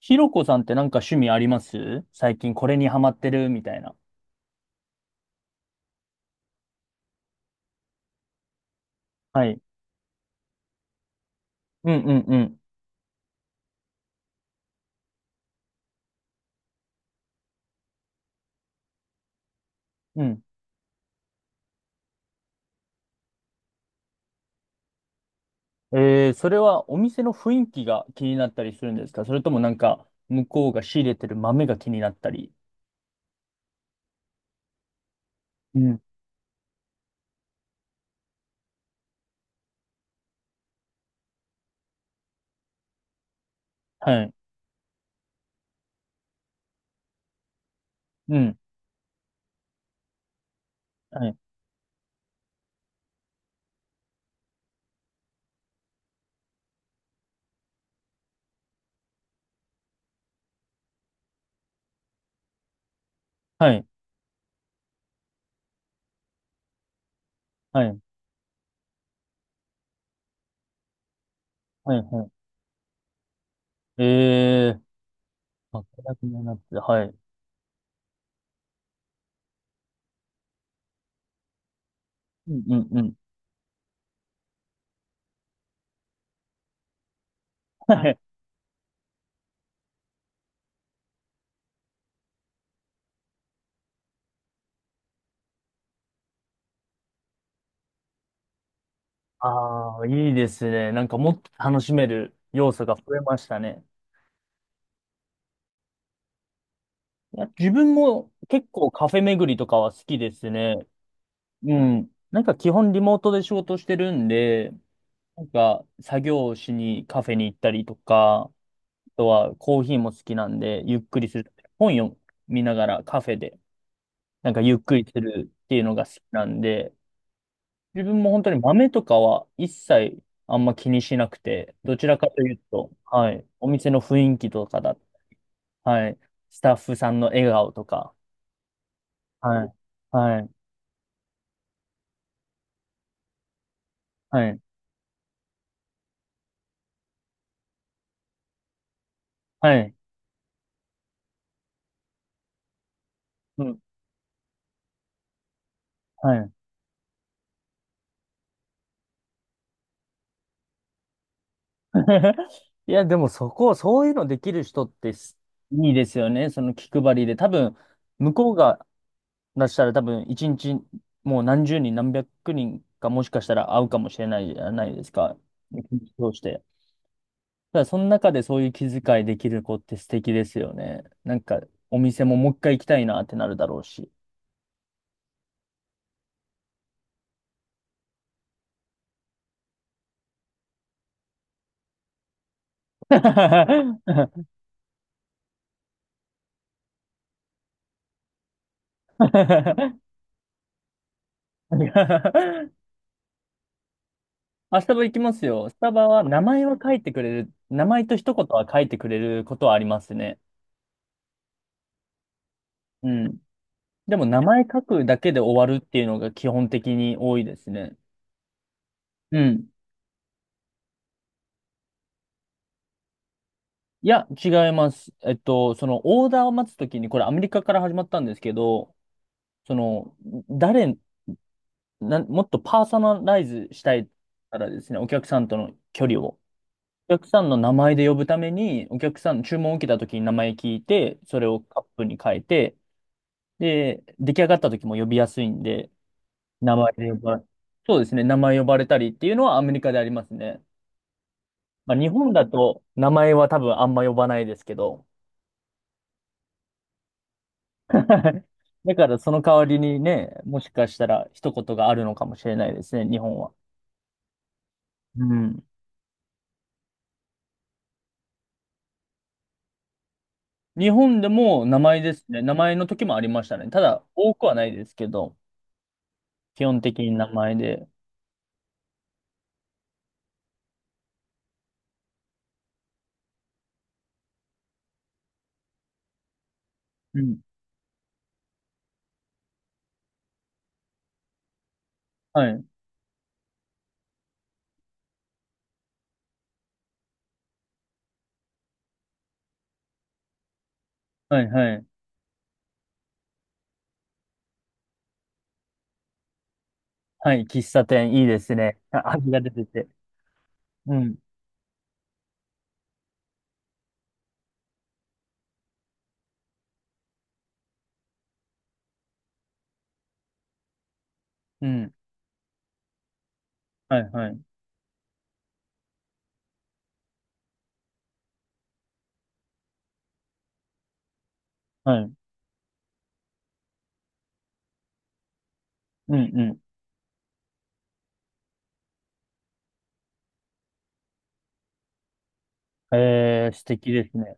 ひろこさんってなんか趣味あります？最近これにハマってるみたいな。はい。うんうんうん。うん。それはお店の雰囲気が気になったりするんですか？それともなんか向こうが仕入れてる豆が気になったり。うん。はい。うん。はい。はい。はい。はい。はい。まあ、これが気になって、はい。うんうんうん。はい。ああ、いいですね。なんかもっと楽しめる要素が増えましたね。いや、自分も結構カフェ巡りとかは好きですね。うん。なんか基本リモートで仕事してるんで、なんか作業しにカフェに行ったりとか、あとはコーヒーも好きなんで、ゆっくりする。本読みながらカフェで、なんかゆっくりするっていうのが好きなんで、自分も本当に豆とかは一切あんま気にしなくて、どちらかというと、はい、お店の雰囲気とかはい、スタッフさんの笑顔とか、はい、はい、はい、はい、うん、はい。いや、でもそこ、そういうのできる人っていいですよね。その気配りで。多分、向こうが出したら多分、一日もう何十人、何百人かもしかしたら会うかもしれないじゃないですか。一日通して。ただその中でそういう気遣いできる子って素敵ですよね。なんか、お店ももう一回行きたいなってなるだろうし。あ、スタバ行きますよ。スタバは名前は書いてくれる、名前と一言は書いてくれることはありますね。うん。でも名前書くだけで終わるっていうのが基本的に多いですね。うん。いや、違います。そのオーダーを待つときに、これアメリカから始まったんですけど、その、誰、もっとパーソナライズしたいからですね、お客さんとの距離を。お客さんの名前で呼ぶために、お客さん、注文を受けたときに名前聞いて、それをカップに変えて、で、出来上がった時も呼びやすいんで、名前で呼ば、そうですね、名前呼ばれたりっていうのはアメリカでありますね。まあ、日本だと名前は多分あんま呼ばないですけど、だからその代わりにね、もしかしたら一言があるのかもしれないですね、日本は。うん。日本でも名前ですね。名前の時もありましたね。ただ、多くはないですけど、基本的に名前で。うん。はい。はい、はい。はい、喫茶店、いいですね。あ、味が出てて。うん。うん。はい、はい。はい。うんうん。えー、素敵ですね。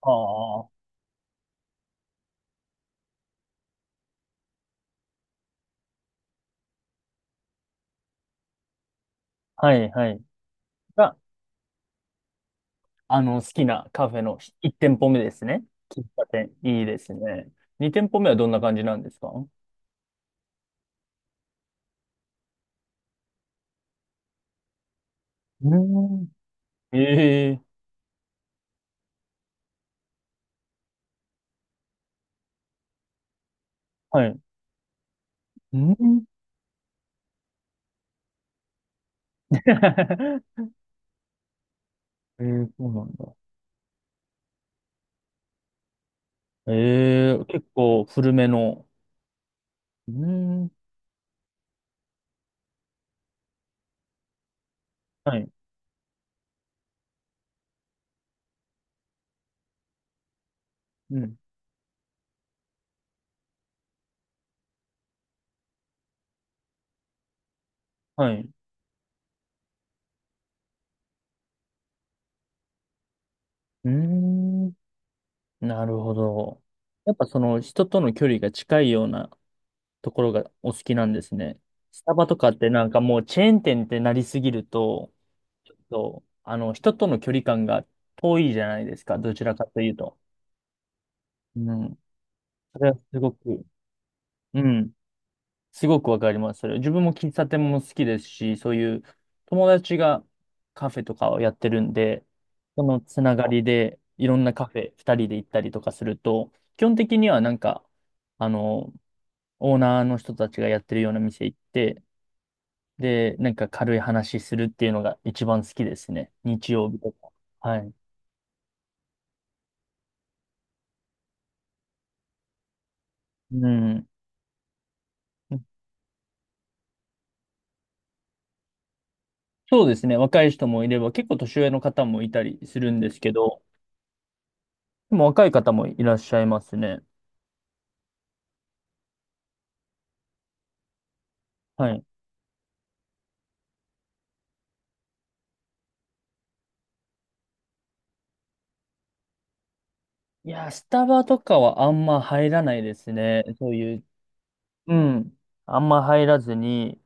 ああ、はいはい。が、好きなカフェの1店舗目ですね。喫茶店。いいですね。2店舗目はどんな感じなんですか？うーん。ええ、はい。うん。ええ、そうなんだ。ええ、結構古めの。うーん。はい。うん。はい。うーん。なるほど。やっぱその人との距離が近いようなところがお好きなんですね。スタバとかってなんかもうチェーン店ってなりすぎると、ちょっと、あの、人との距離感が遠いじゃないですか、どちらかというと。うん。それはすごく、うん。すごくわかります。それ。自分も喫茶店も好きですし、そういう友達がカフェとかをやってるんで、そのつながりでいろんなカフェ二人で行ったりとかすると、基本的にはなんか、あの、オーナーの人たちがやってるような店行って、で、なんか軽い話するっていうのが一番好きですね。日曜日とか。はい。うん。そうですね。若い人もいれば、結構年上の方もいたりするんですけど、でも若い方もいらっしゃいますね。はい。いやー、スタバとかはあんま入らないですね。そういう。うん。あんま入らずに、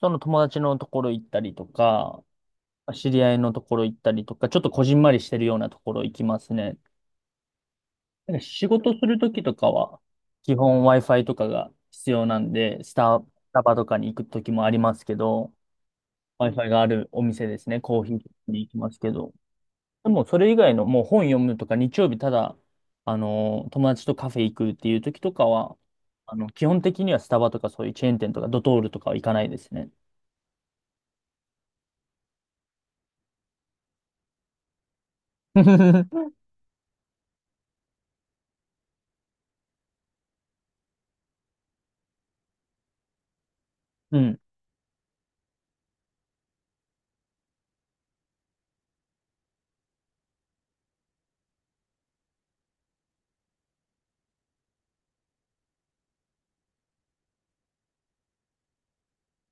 その友達のところ行ったりとか、知り合いのところ行ったりとか、ちょっとこじんまりしてるようなところ行きますね。なんか仕事するときとかは、基本 Wi-Fi とかが必要なんで、スタバとかに行くときもありますけど、Wi-Fi があるお店ですね、コーヒーに行きますけど。でも、それ以外の、もう本読むとか、日曜日ただ、あの、友達とカフェ行くっていうときとかは、あの、基本的にはスタバとかそういうチェーン店とか、ドトールとかは行かないですね。うん。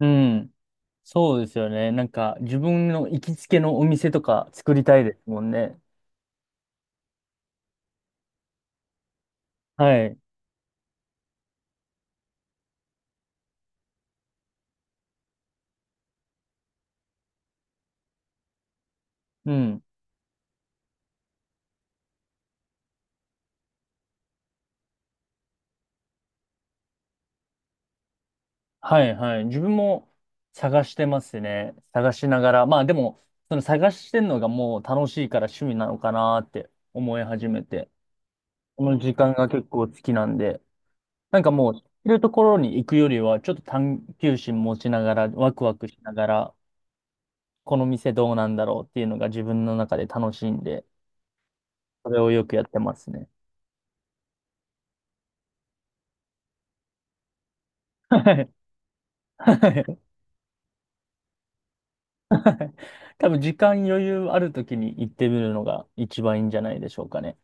うん。そうですよね。なんか、自分の行きつけのお店とか作りたいですもんね。はい。うん。はいはい。自分も探してますね。探しながら。まあでも、その探してんのがもう楽しいから趣味なのかなって思い始めて。この時間が結構好きなんで。なんかもう、いるところに行くよりは、ちょっと探求心持ちながら、ワクワクしながら、この店どうなんだろうっていうのが自分の中で楽しいんで、それをよくやってますね。はい。はい。多分時間余裕ある時に行ってみるのが一番いいんじゃないでしょうかね。